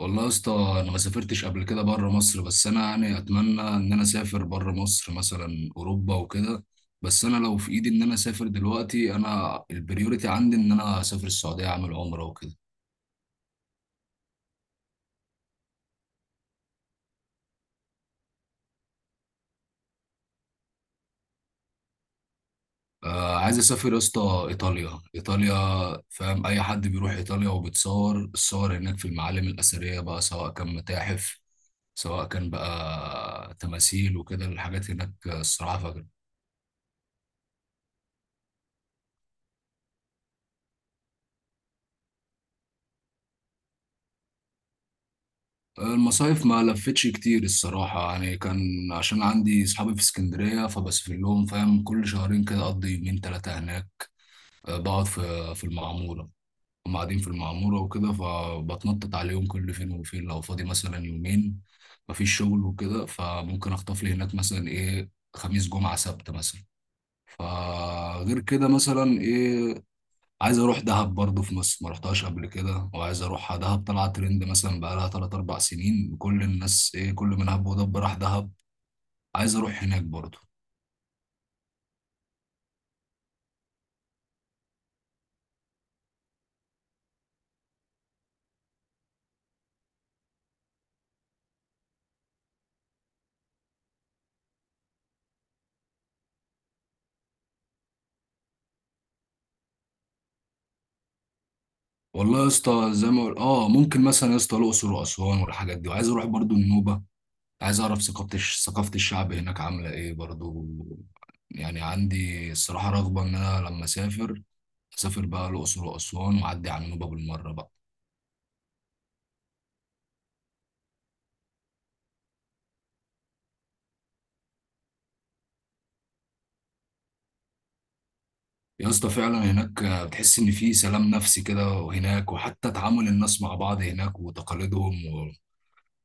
والله يا اسطى، انا ما سافرتش قبل كده بره مصر، بس انا يعني اتمنى ان انا اسافر بره مصر مثلا اوروبا وكده. بس انا لو في ايدي ان انا اسافر دلوقتي، انا البريوريتي عندي ان انا اسافر السعوديه اعمل عمره وكده. آه، عايز اسافر يا اسطى ايطاليا، ايطاليا فاهم. اي حد بيروح ايطاليا وبيتصور الصور هناك في المعالم الاثريه بقى، سواء كان متاحف، سواء كان بقى تماثيل وكده الحاجات هناك الصراحه. المصايف ما لفتش كتير الصراحة، يعني كان عشان عندي صحابي في اسكندرية فبسافر لهم فاهم، كل شهرين كده أقضي يومين تلاتة هناك. أه، بقعد في المعمورة. هم قاعدين في المعمورة وكده، فبتنطط عليهم كل فين وفين لو فاضي مثلا يومين مفيش شغل وكده، فممكن أخطف لي هناك مثلا إيه خميس جمعة سبت مثلا. فغير كده مثلا إيه، عايز اروح دهب برضه في مصر، ما رحتهاش قبل كده وعايز اروحها. دهب طلعت ترند مثلا بقالها 3 4 سنين، كل الناس ايه، كل من هب ودب راح دهب. عايز اروح هناك برضه. والله يا اسطى زي ما ممكن مثلا يا اسطى الاقصر واسوان والحاجات دي، وعايز اروح برضه النوبه. عايز اعرف ثقافه الشعب هناك عامله ايه برضه. يعني عندي الصراحه رغبه ان انا لما اسافر، اسافر بقى الاقصر واسوان واعدي على النوبه بالمره بقى. يا اسطى فعلا هناك بتحس ان في سلام نفسي كده، وهناك وحتى تعامل الناس مع بعض هناك وتقاليدهم، و...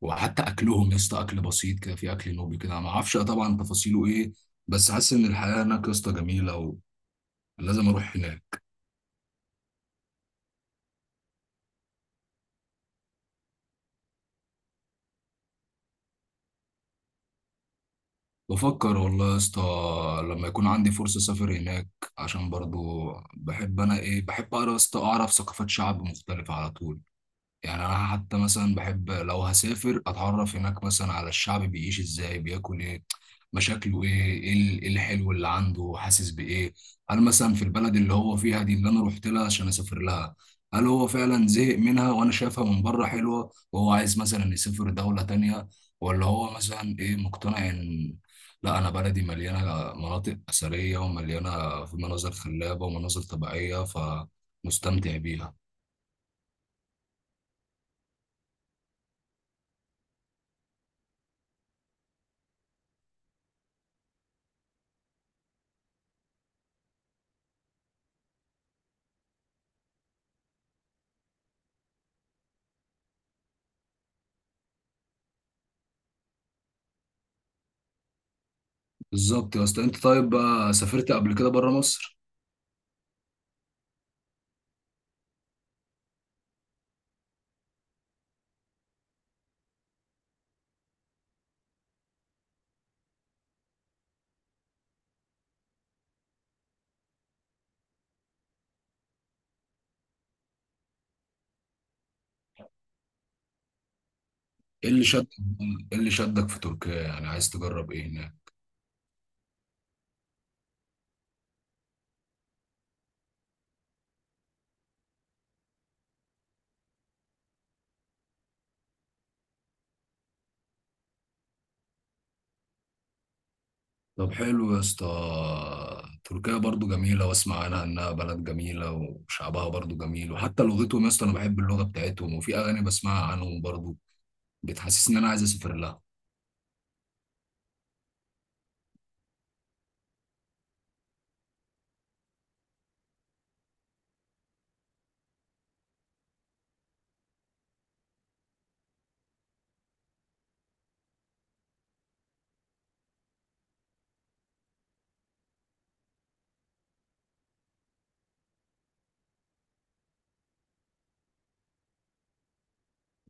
وحتى اكلهم يا اسطى، اكل بسيط كده في اكل نوبي كده، ما اعرفش طبعا تفاصيله ايه، بس حاسس ان الحياه هناك يا اسطى جميله، ولازم اروح هناك. بفكر والله يا اسطى لما يكون عندي فرصه اسافر هناك، عشان برضو بحب انا ايه، بحب اقرا يا اسطى، اعرف ثقافات شعب مختلفه على طول. يعني انا حتى مثلا بحب لو هسافر اتعرف هناك مثلا على الشعب، بيعيش ازاي، بياكل ايه، مشاكله ايه، إيه الحلو اللي عنده، حاسس بايه. هل مثلا في البلد اللي هو فيها دي اللي انا رحت لها عشان اسافر لها، هل هو فعلا زهق منها وانا شايفها من بره حلوة، وهو عايز مثلا يسافر دولة تانية، ولا هو مثلا ايه مقتنع ان لا، انا بلدي مليانة مناطق أثرية ومليانة في مناظر خلابة ومناظر طبيعية، فمستمتع بيها. بالظبط يا اسطى. انت طيب بقى سافرت قبل كده بره مصر؟ ايه اللي شدك، ايه اللي شدك في تركيا يعني، عايز تجرب ايه هناك؟ طب حلو يا اسطى، تركيا برضو جميله، واسمع عنها انها بلد جميله وشعبها برضو جميل، وحتى لغتهم يا اسطى، انا بحب اللغه بتاعتهم، وفي اغاني بسمعها عنهم برضو بتحسسني ان انا عايز اسافر لها.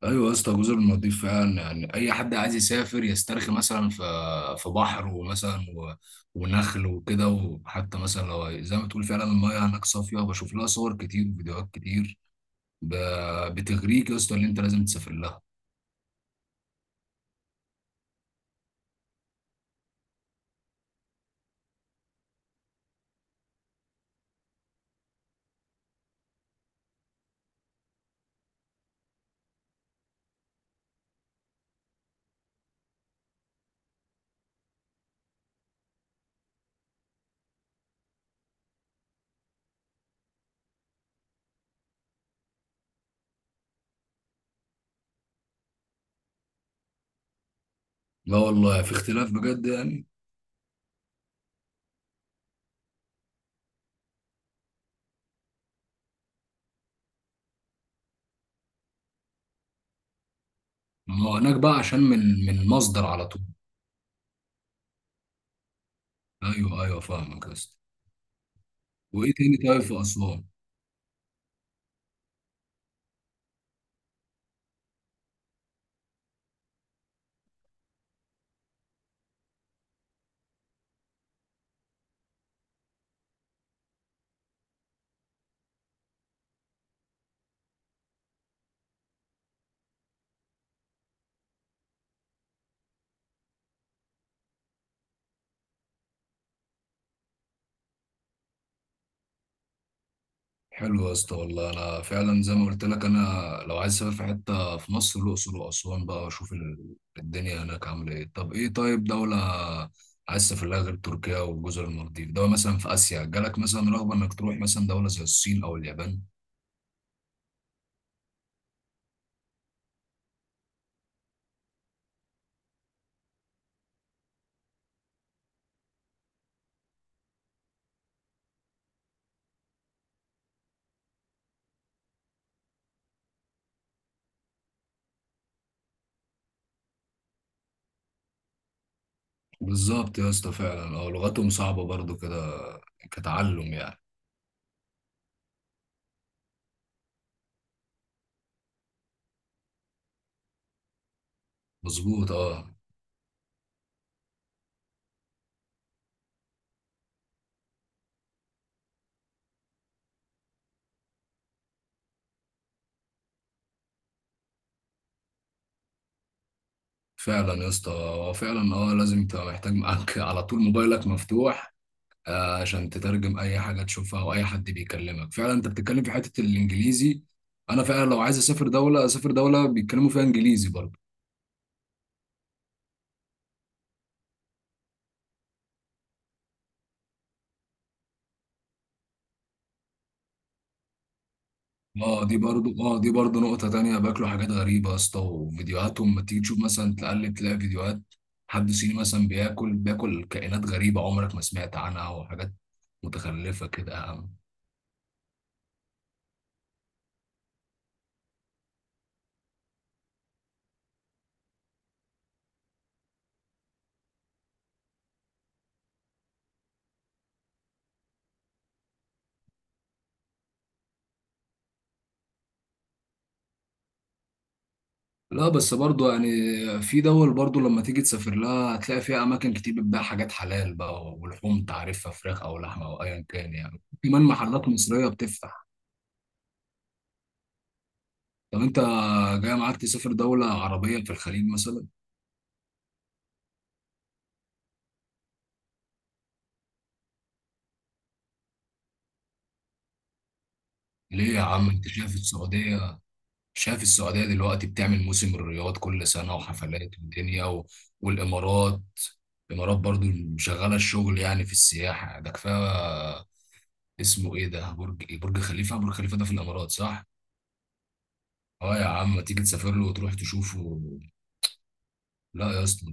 ايوه يا اسطى، جزر المالديف فعلا، يعني اي حد عايز يسافر يسترخي مثلا في في بحر ومثلا، و... ونخل وكده، وحتى مثلا لو زي ما تقول فعلا المايه هناك صافيه، بشوف لها صور كتير وفيديوهات كتير ب... بتغريك يا اسطى اللي انت لازم تسافر لها. لا والله في اختلاف بجد يعني. ما هو هناك بقى عشان من مصدر على طول. ايوه ايوه فاهمك يا اسطى. وايه تاني طيب في اسوان؟ حلو يا اسطى، والله انا فعلا زي ما قلت لك، انا لو عايز اسافر في حته في مصر، الاقصر واسوان بقى، واشوف الدنيا هناك عامله ايه. طب ايه، طيب دوله عايز تسافر لها غير تركيا وجزر المالديف، دوله مثلا في اسيا، جالك مثلا رغبه انك تروح مثلا دوله زي الصين او اليابان؟ بالظبط يا اسطى فعلا، اه، لغتهم صعبه برضو كده كتعلم يعني. مظبوط، اه. فعلا يا اسطى هو فعلا اه لازم تبقى محتاج معاك على طول موبايلك مفتوح، آه، عشان تترجم اي حاجه تشوفها او اي حد بيكلمك. فعلا انت بتتكلم في حته الانجليزي، انا فعلا لو عايز اسافر دوله، اسافر دوله بيتكلموا فيها انجليزي برضه. اه, دي برضه نقطه تانية، باكلوا حاجات غريبه يا اسطى، وفيديوهاتهم ما تيجي تشوف مثلا تقلب تلاقي فيديوهات حد صيني مثلا بياكل كائنات غريبه عمرك ما سمعت عنها، وحاجات متخلفه كده. لا بس برضو يعني في دول برضو لما تيجي تسافر لها هتلاقي فيها اماكن كتير بتبيع حاجات حلال بقى، ولحوم تعرفها، فراخ او لحمه او ايا كان، يعني كمان محلات مصريه بتفتح. طب انت، جاي معاك تسافر دوله عربيه في الخليج مثلا؟ ليه يا عم، انت شايف السعوديه، دلوقتي بتعمل موسم الرياض كل سنه، وحفلات ودنيا، و... والامارات، الامارات برضو شغاله الشغل يعني في السياحه ده كفايه. اسمه ايه ده، برج خليفه، برج خليفه ده في الامارات صح؟ اه يا عم، ما تيجي تسافر له وتروح تشوفه. لا يا اسطى،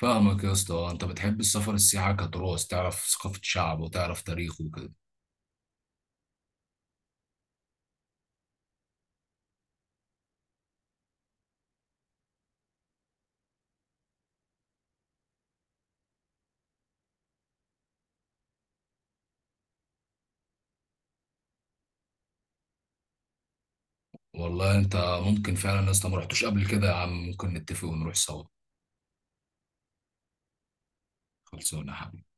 فاهمك يا اسطى. آه، انت بتحب السفر، السياحه كتراث، تعرف ثقافه شعب وتعرف تاريخه وكده. والله انت، ممكن فعلا يا اسطى، ما رحتوش قبل كده يا عم، ممكن نتفق ونروح سوا. خلصونا يا حبيبي.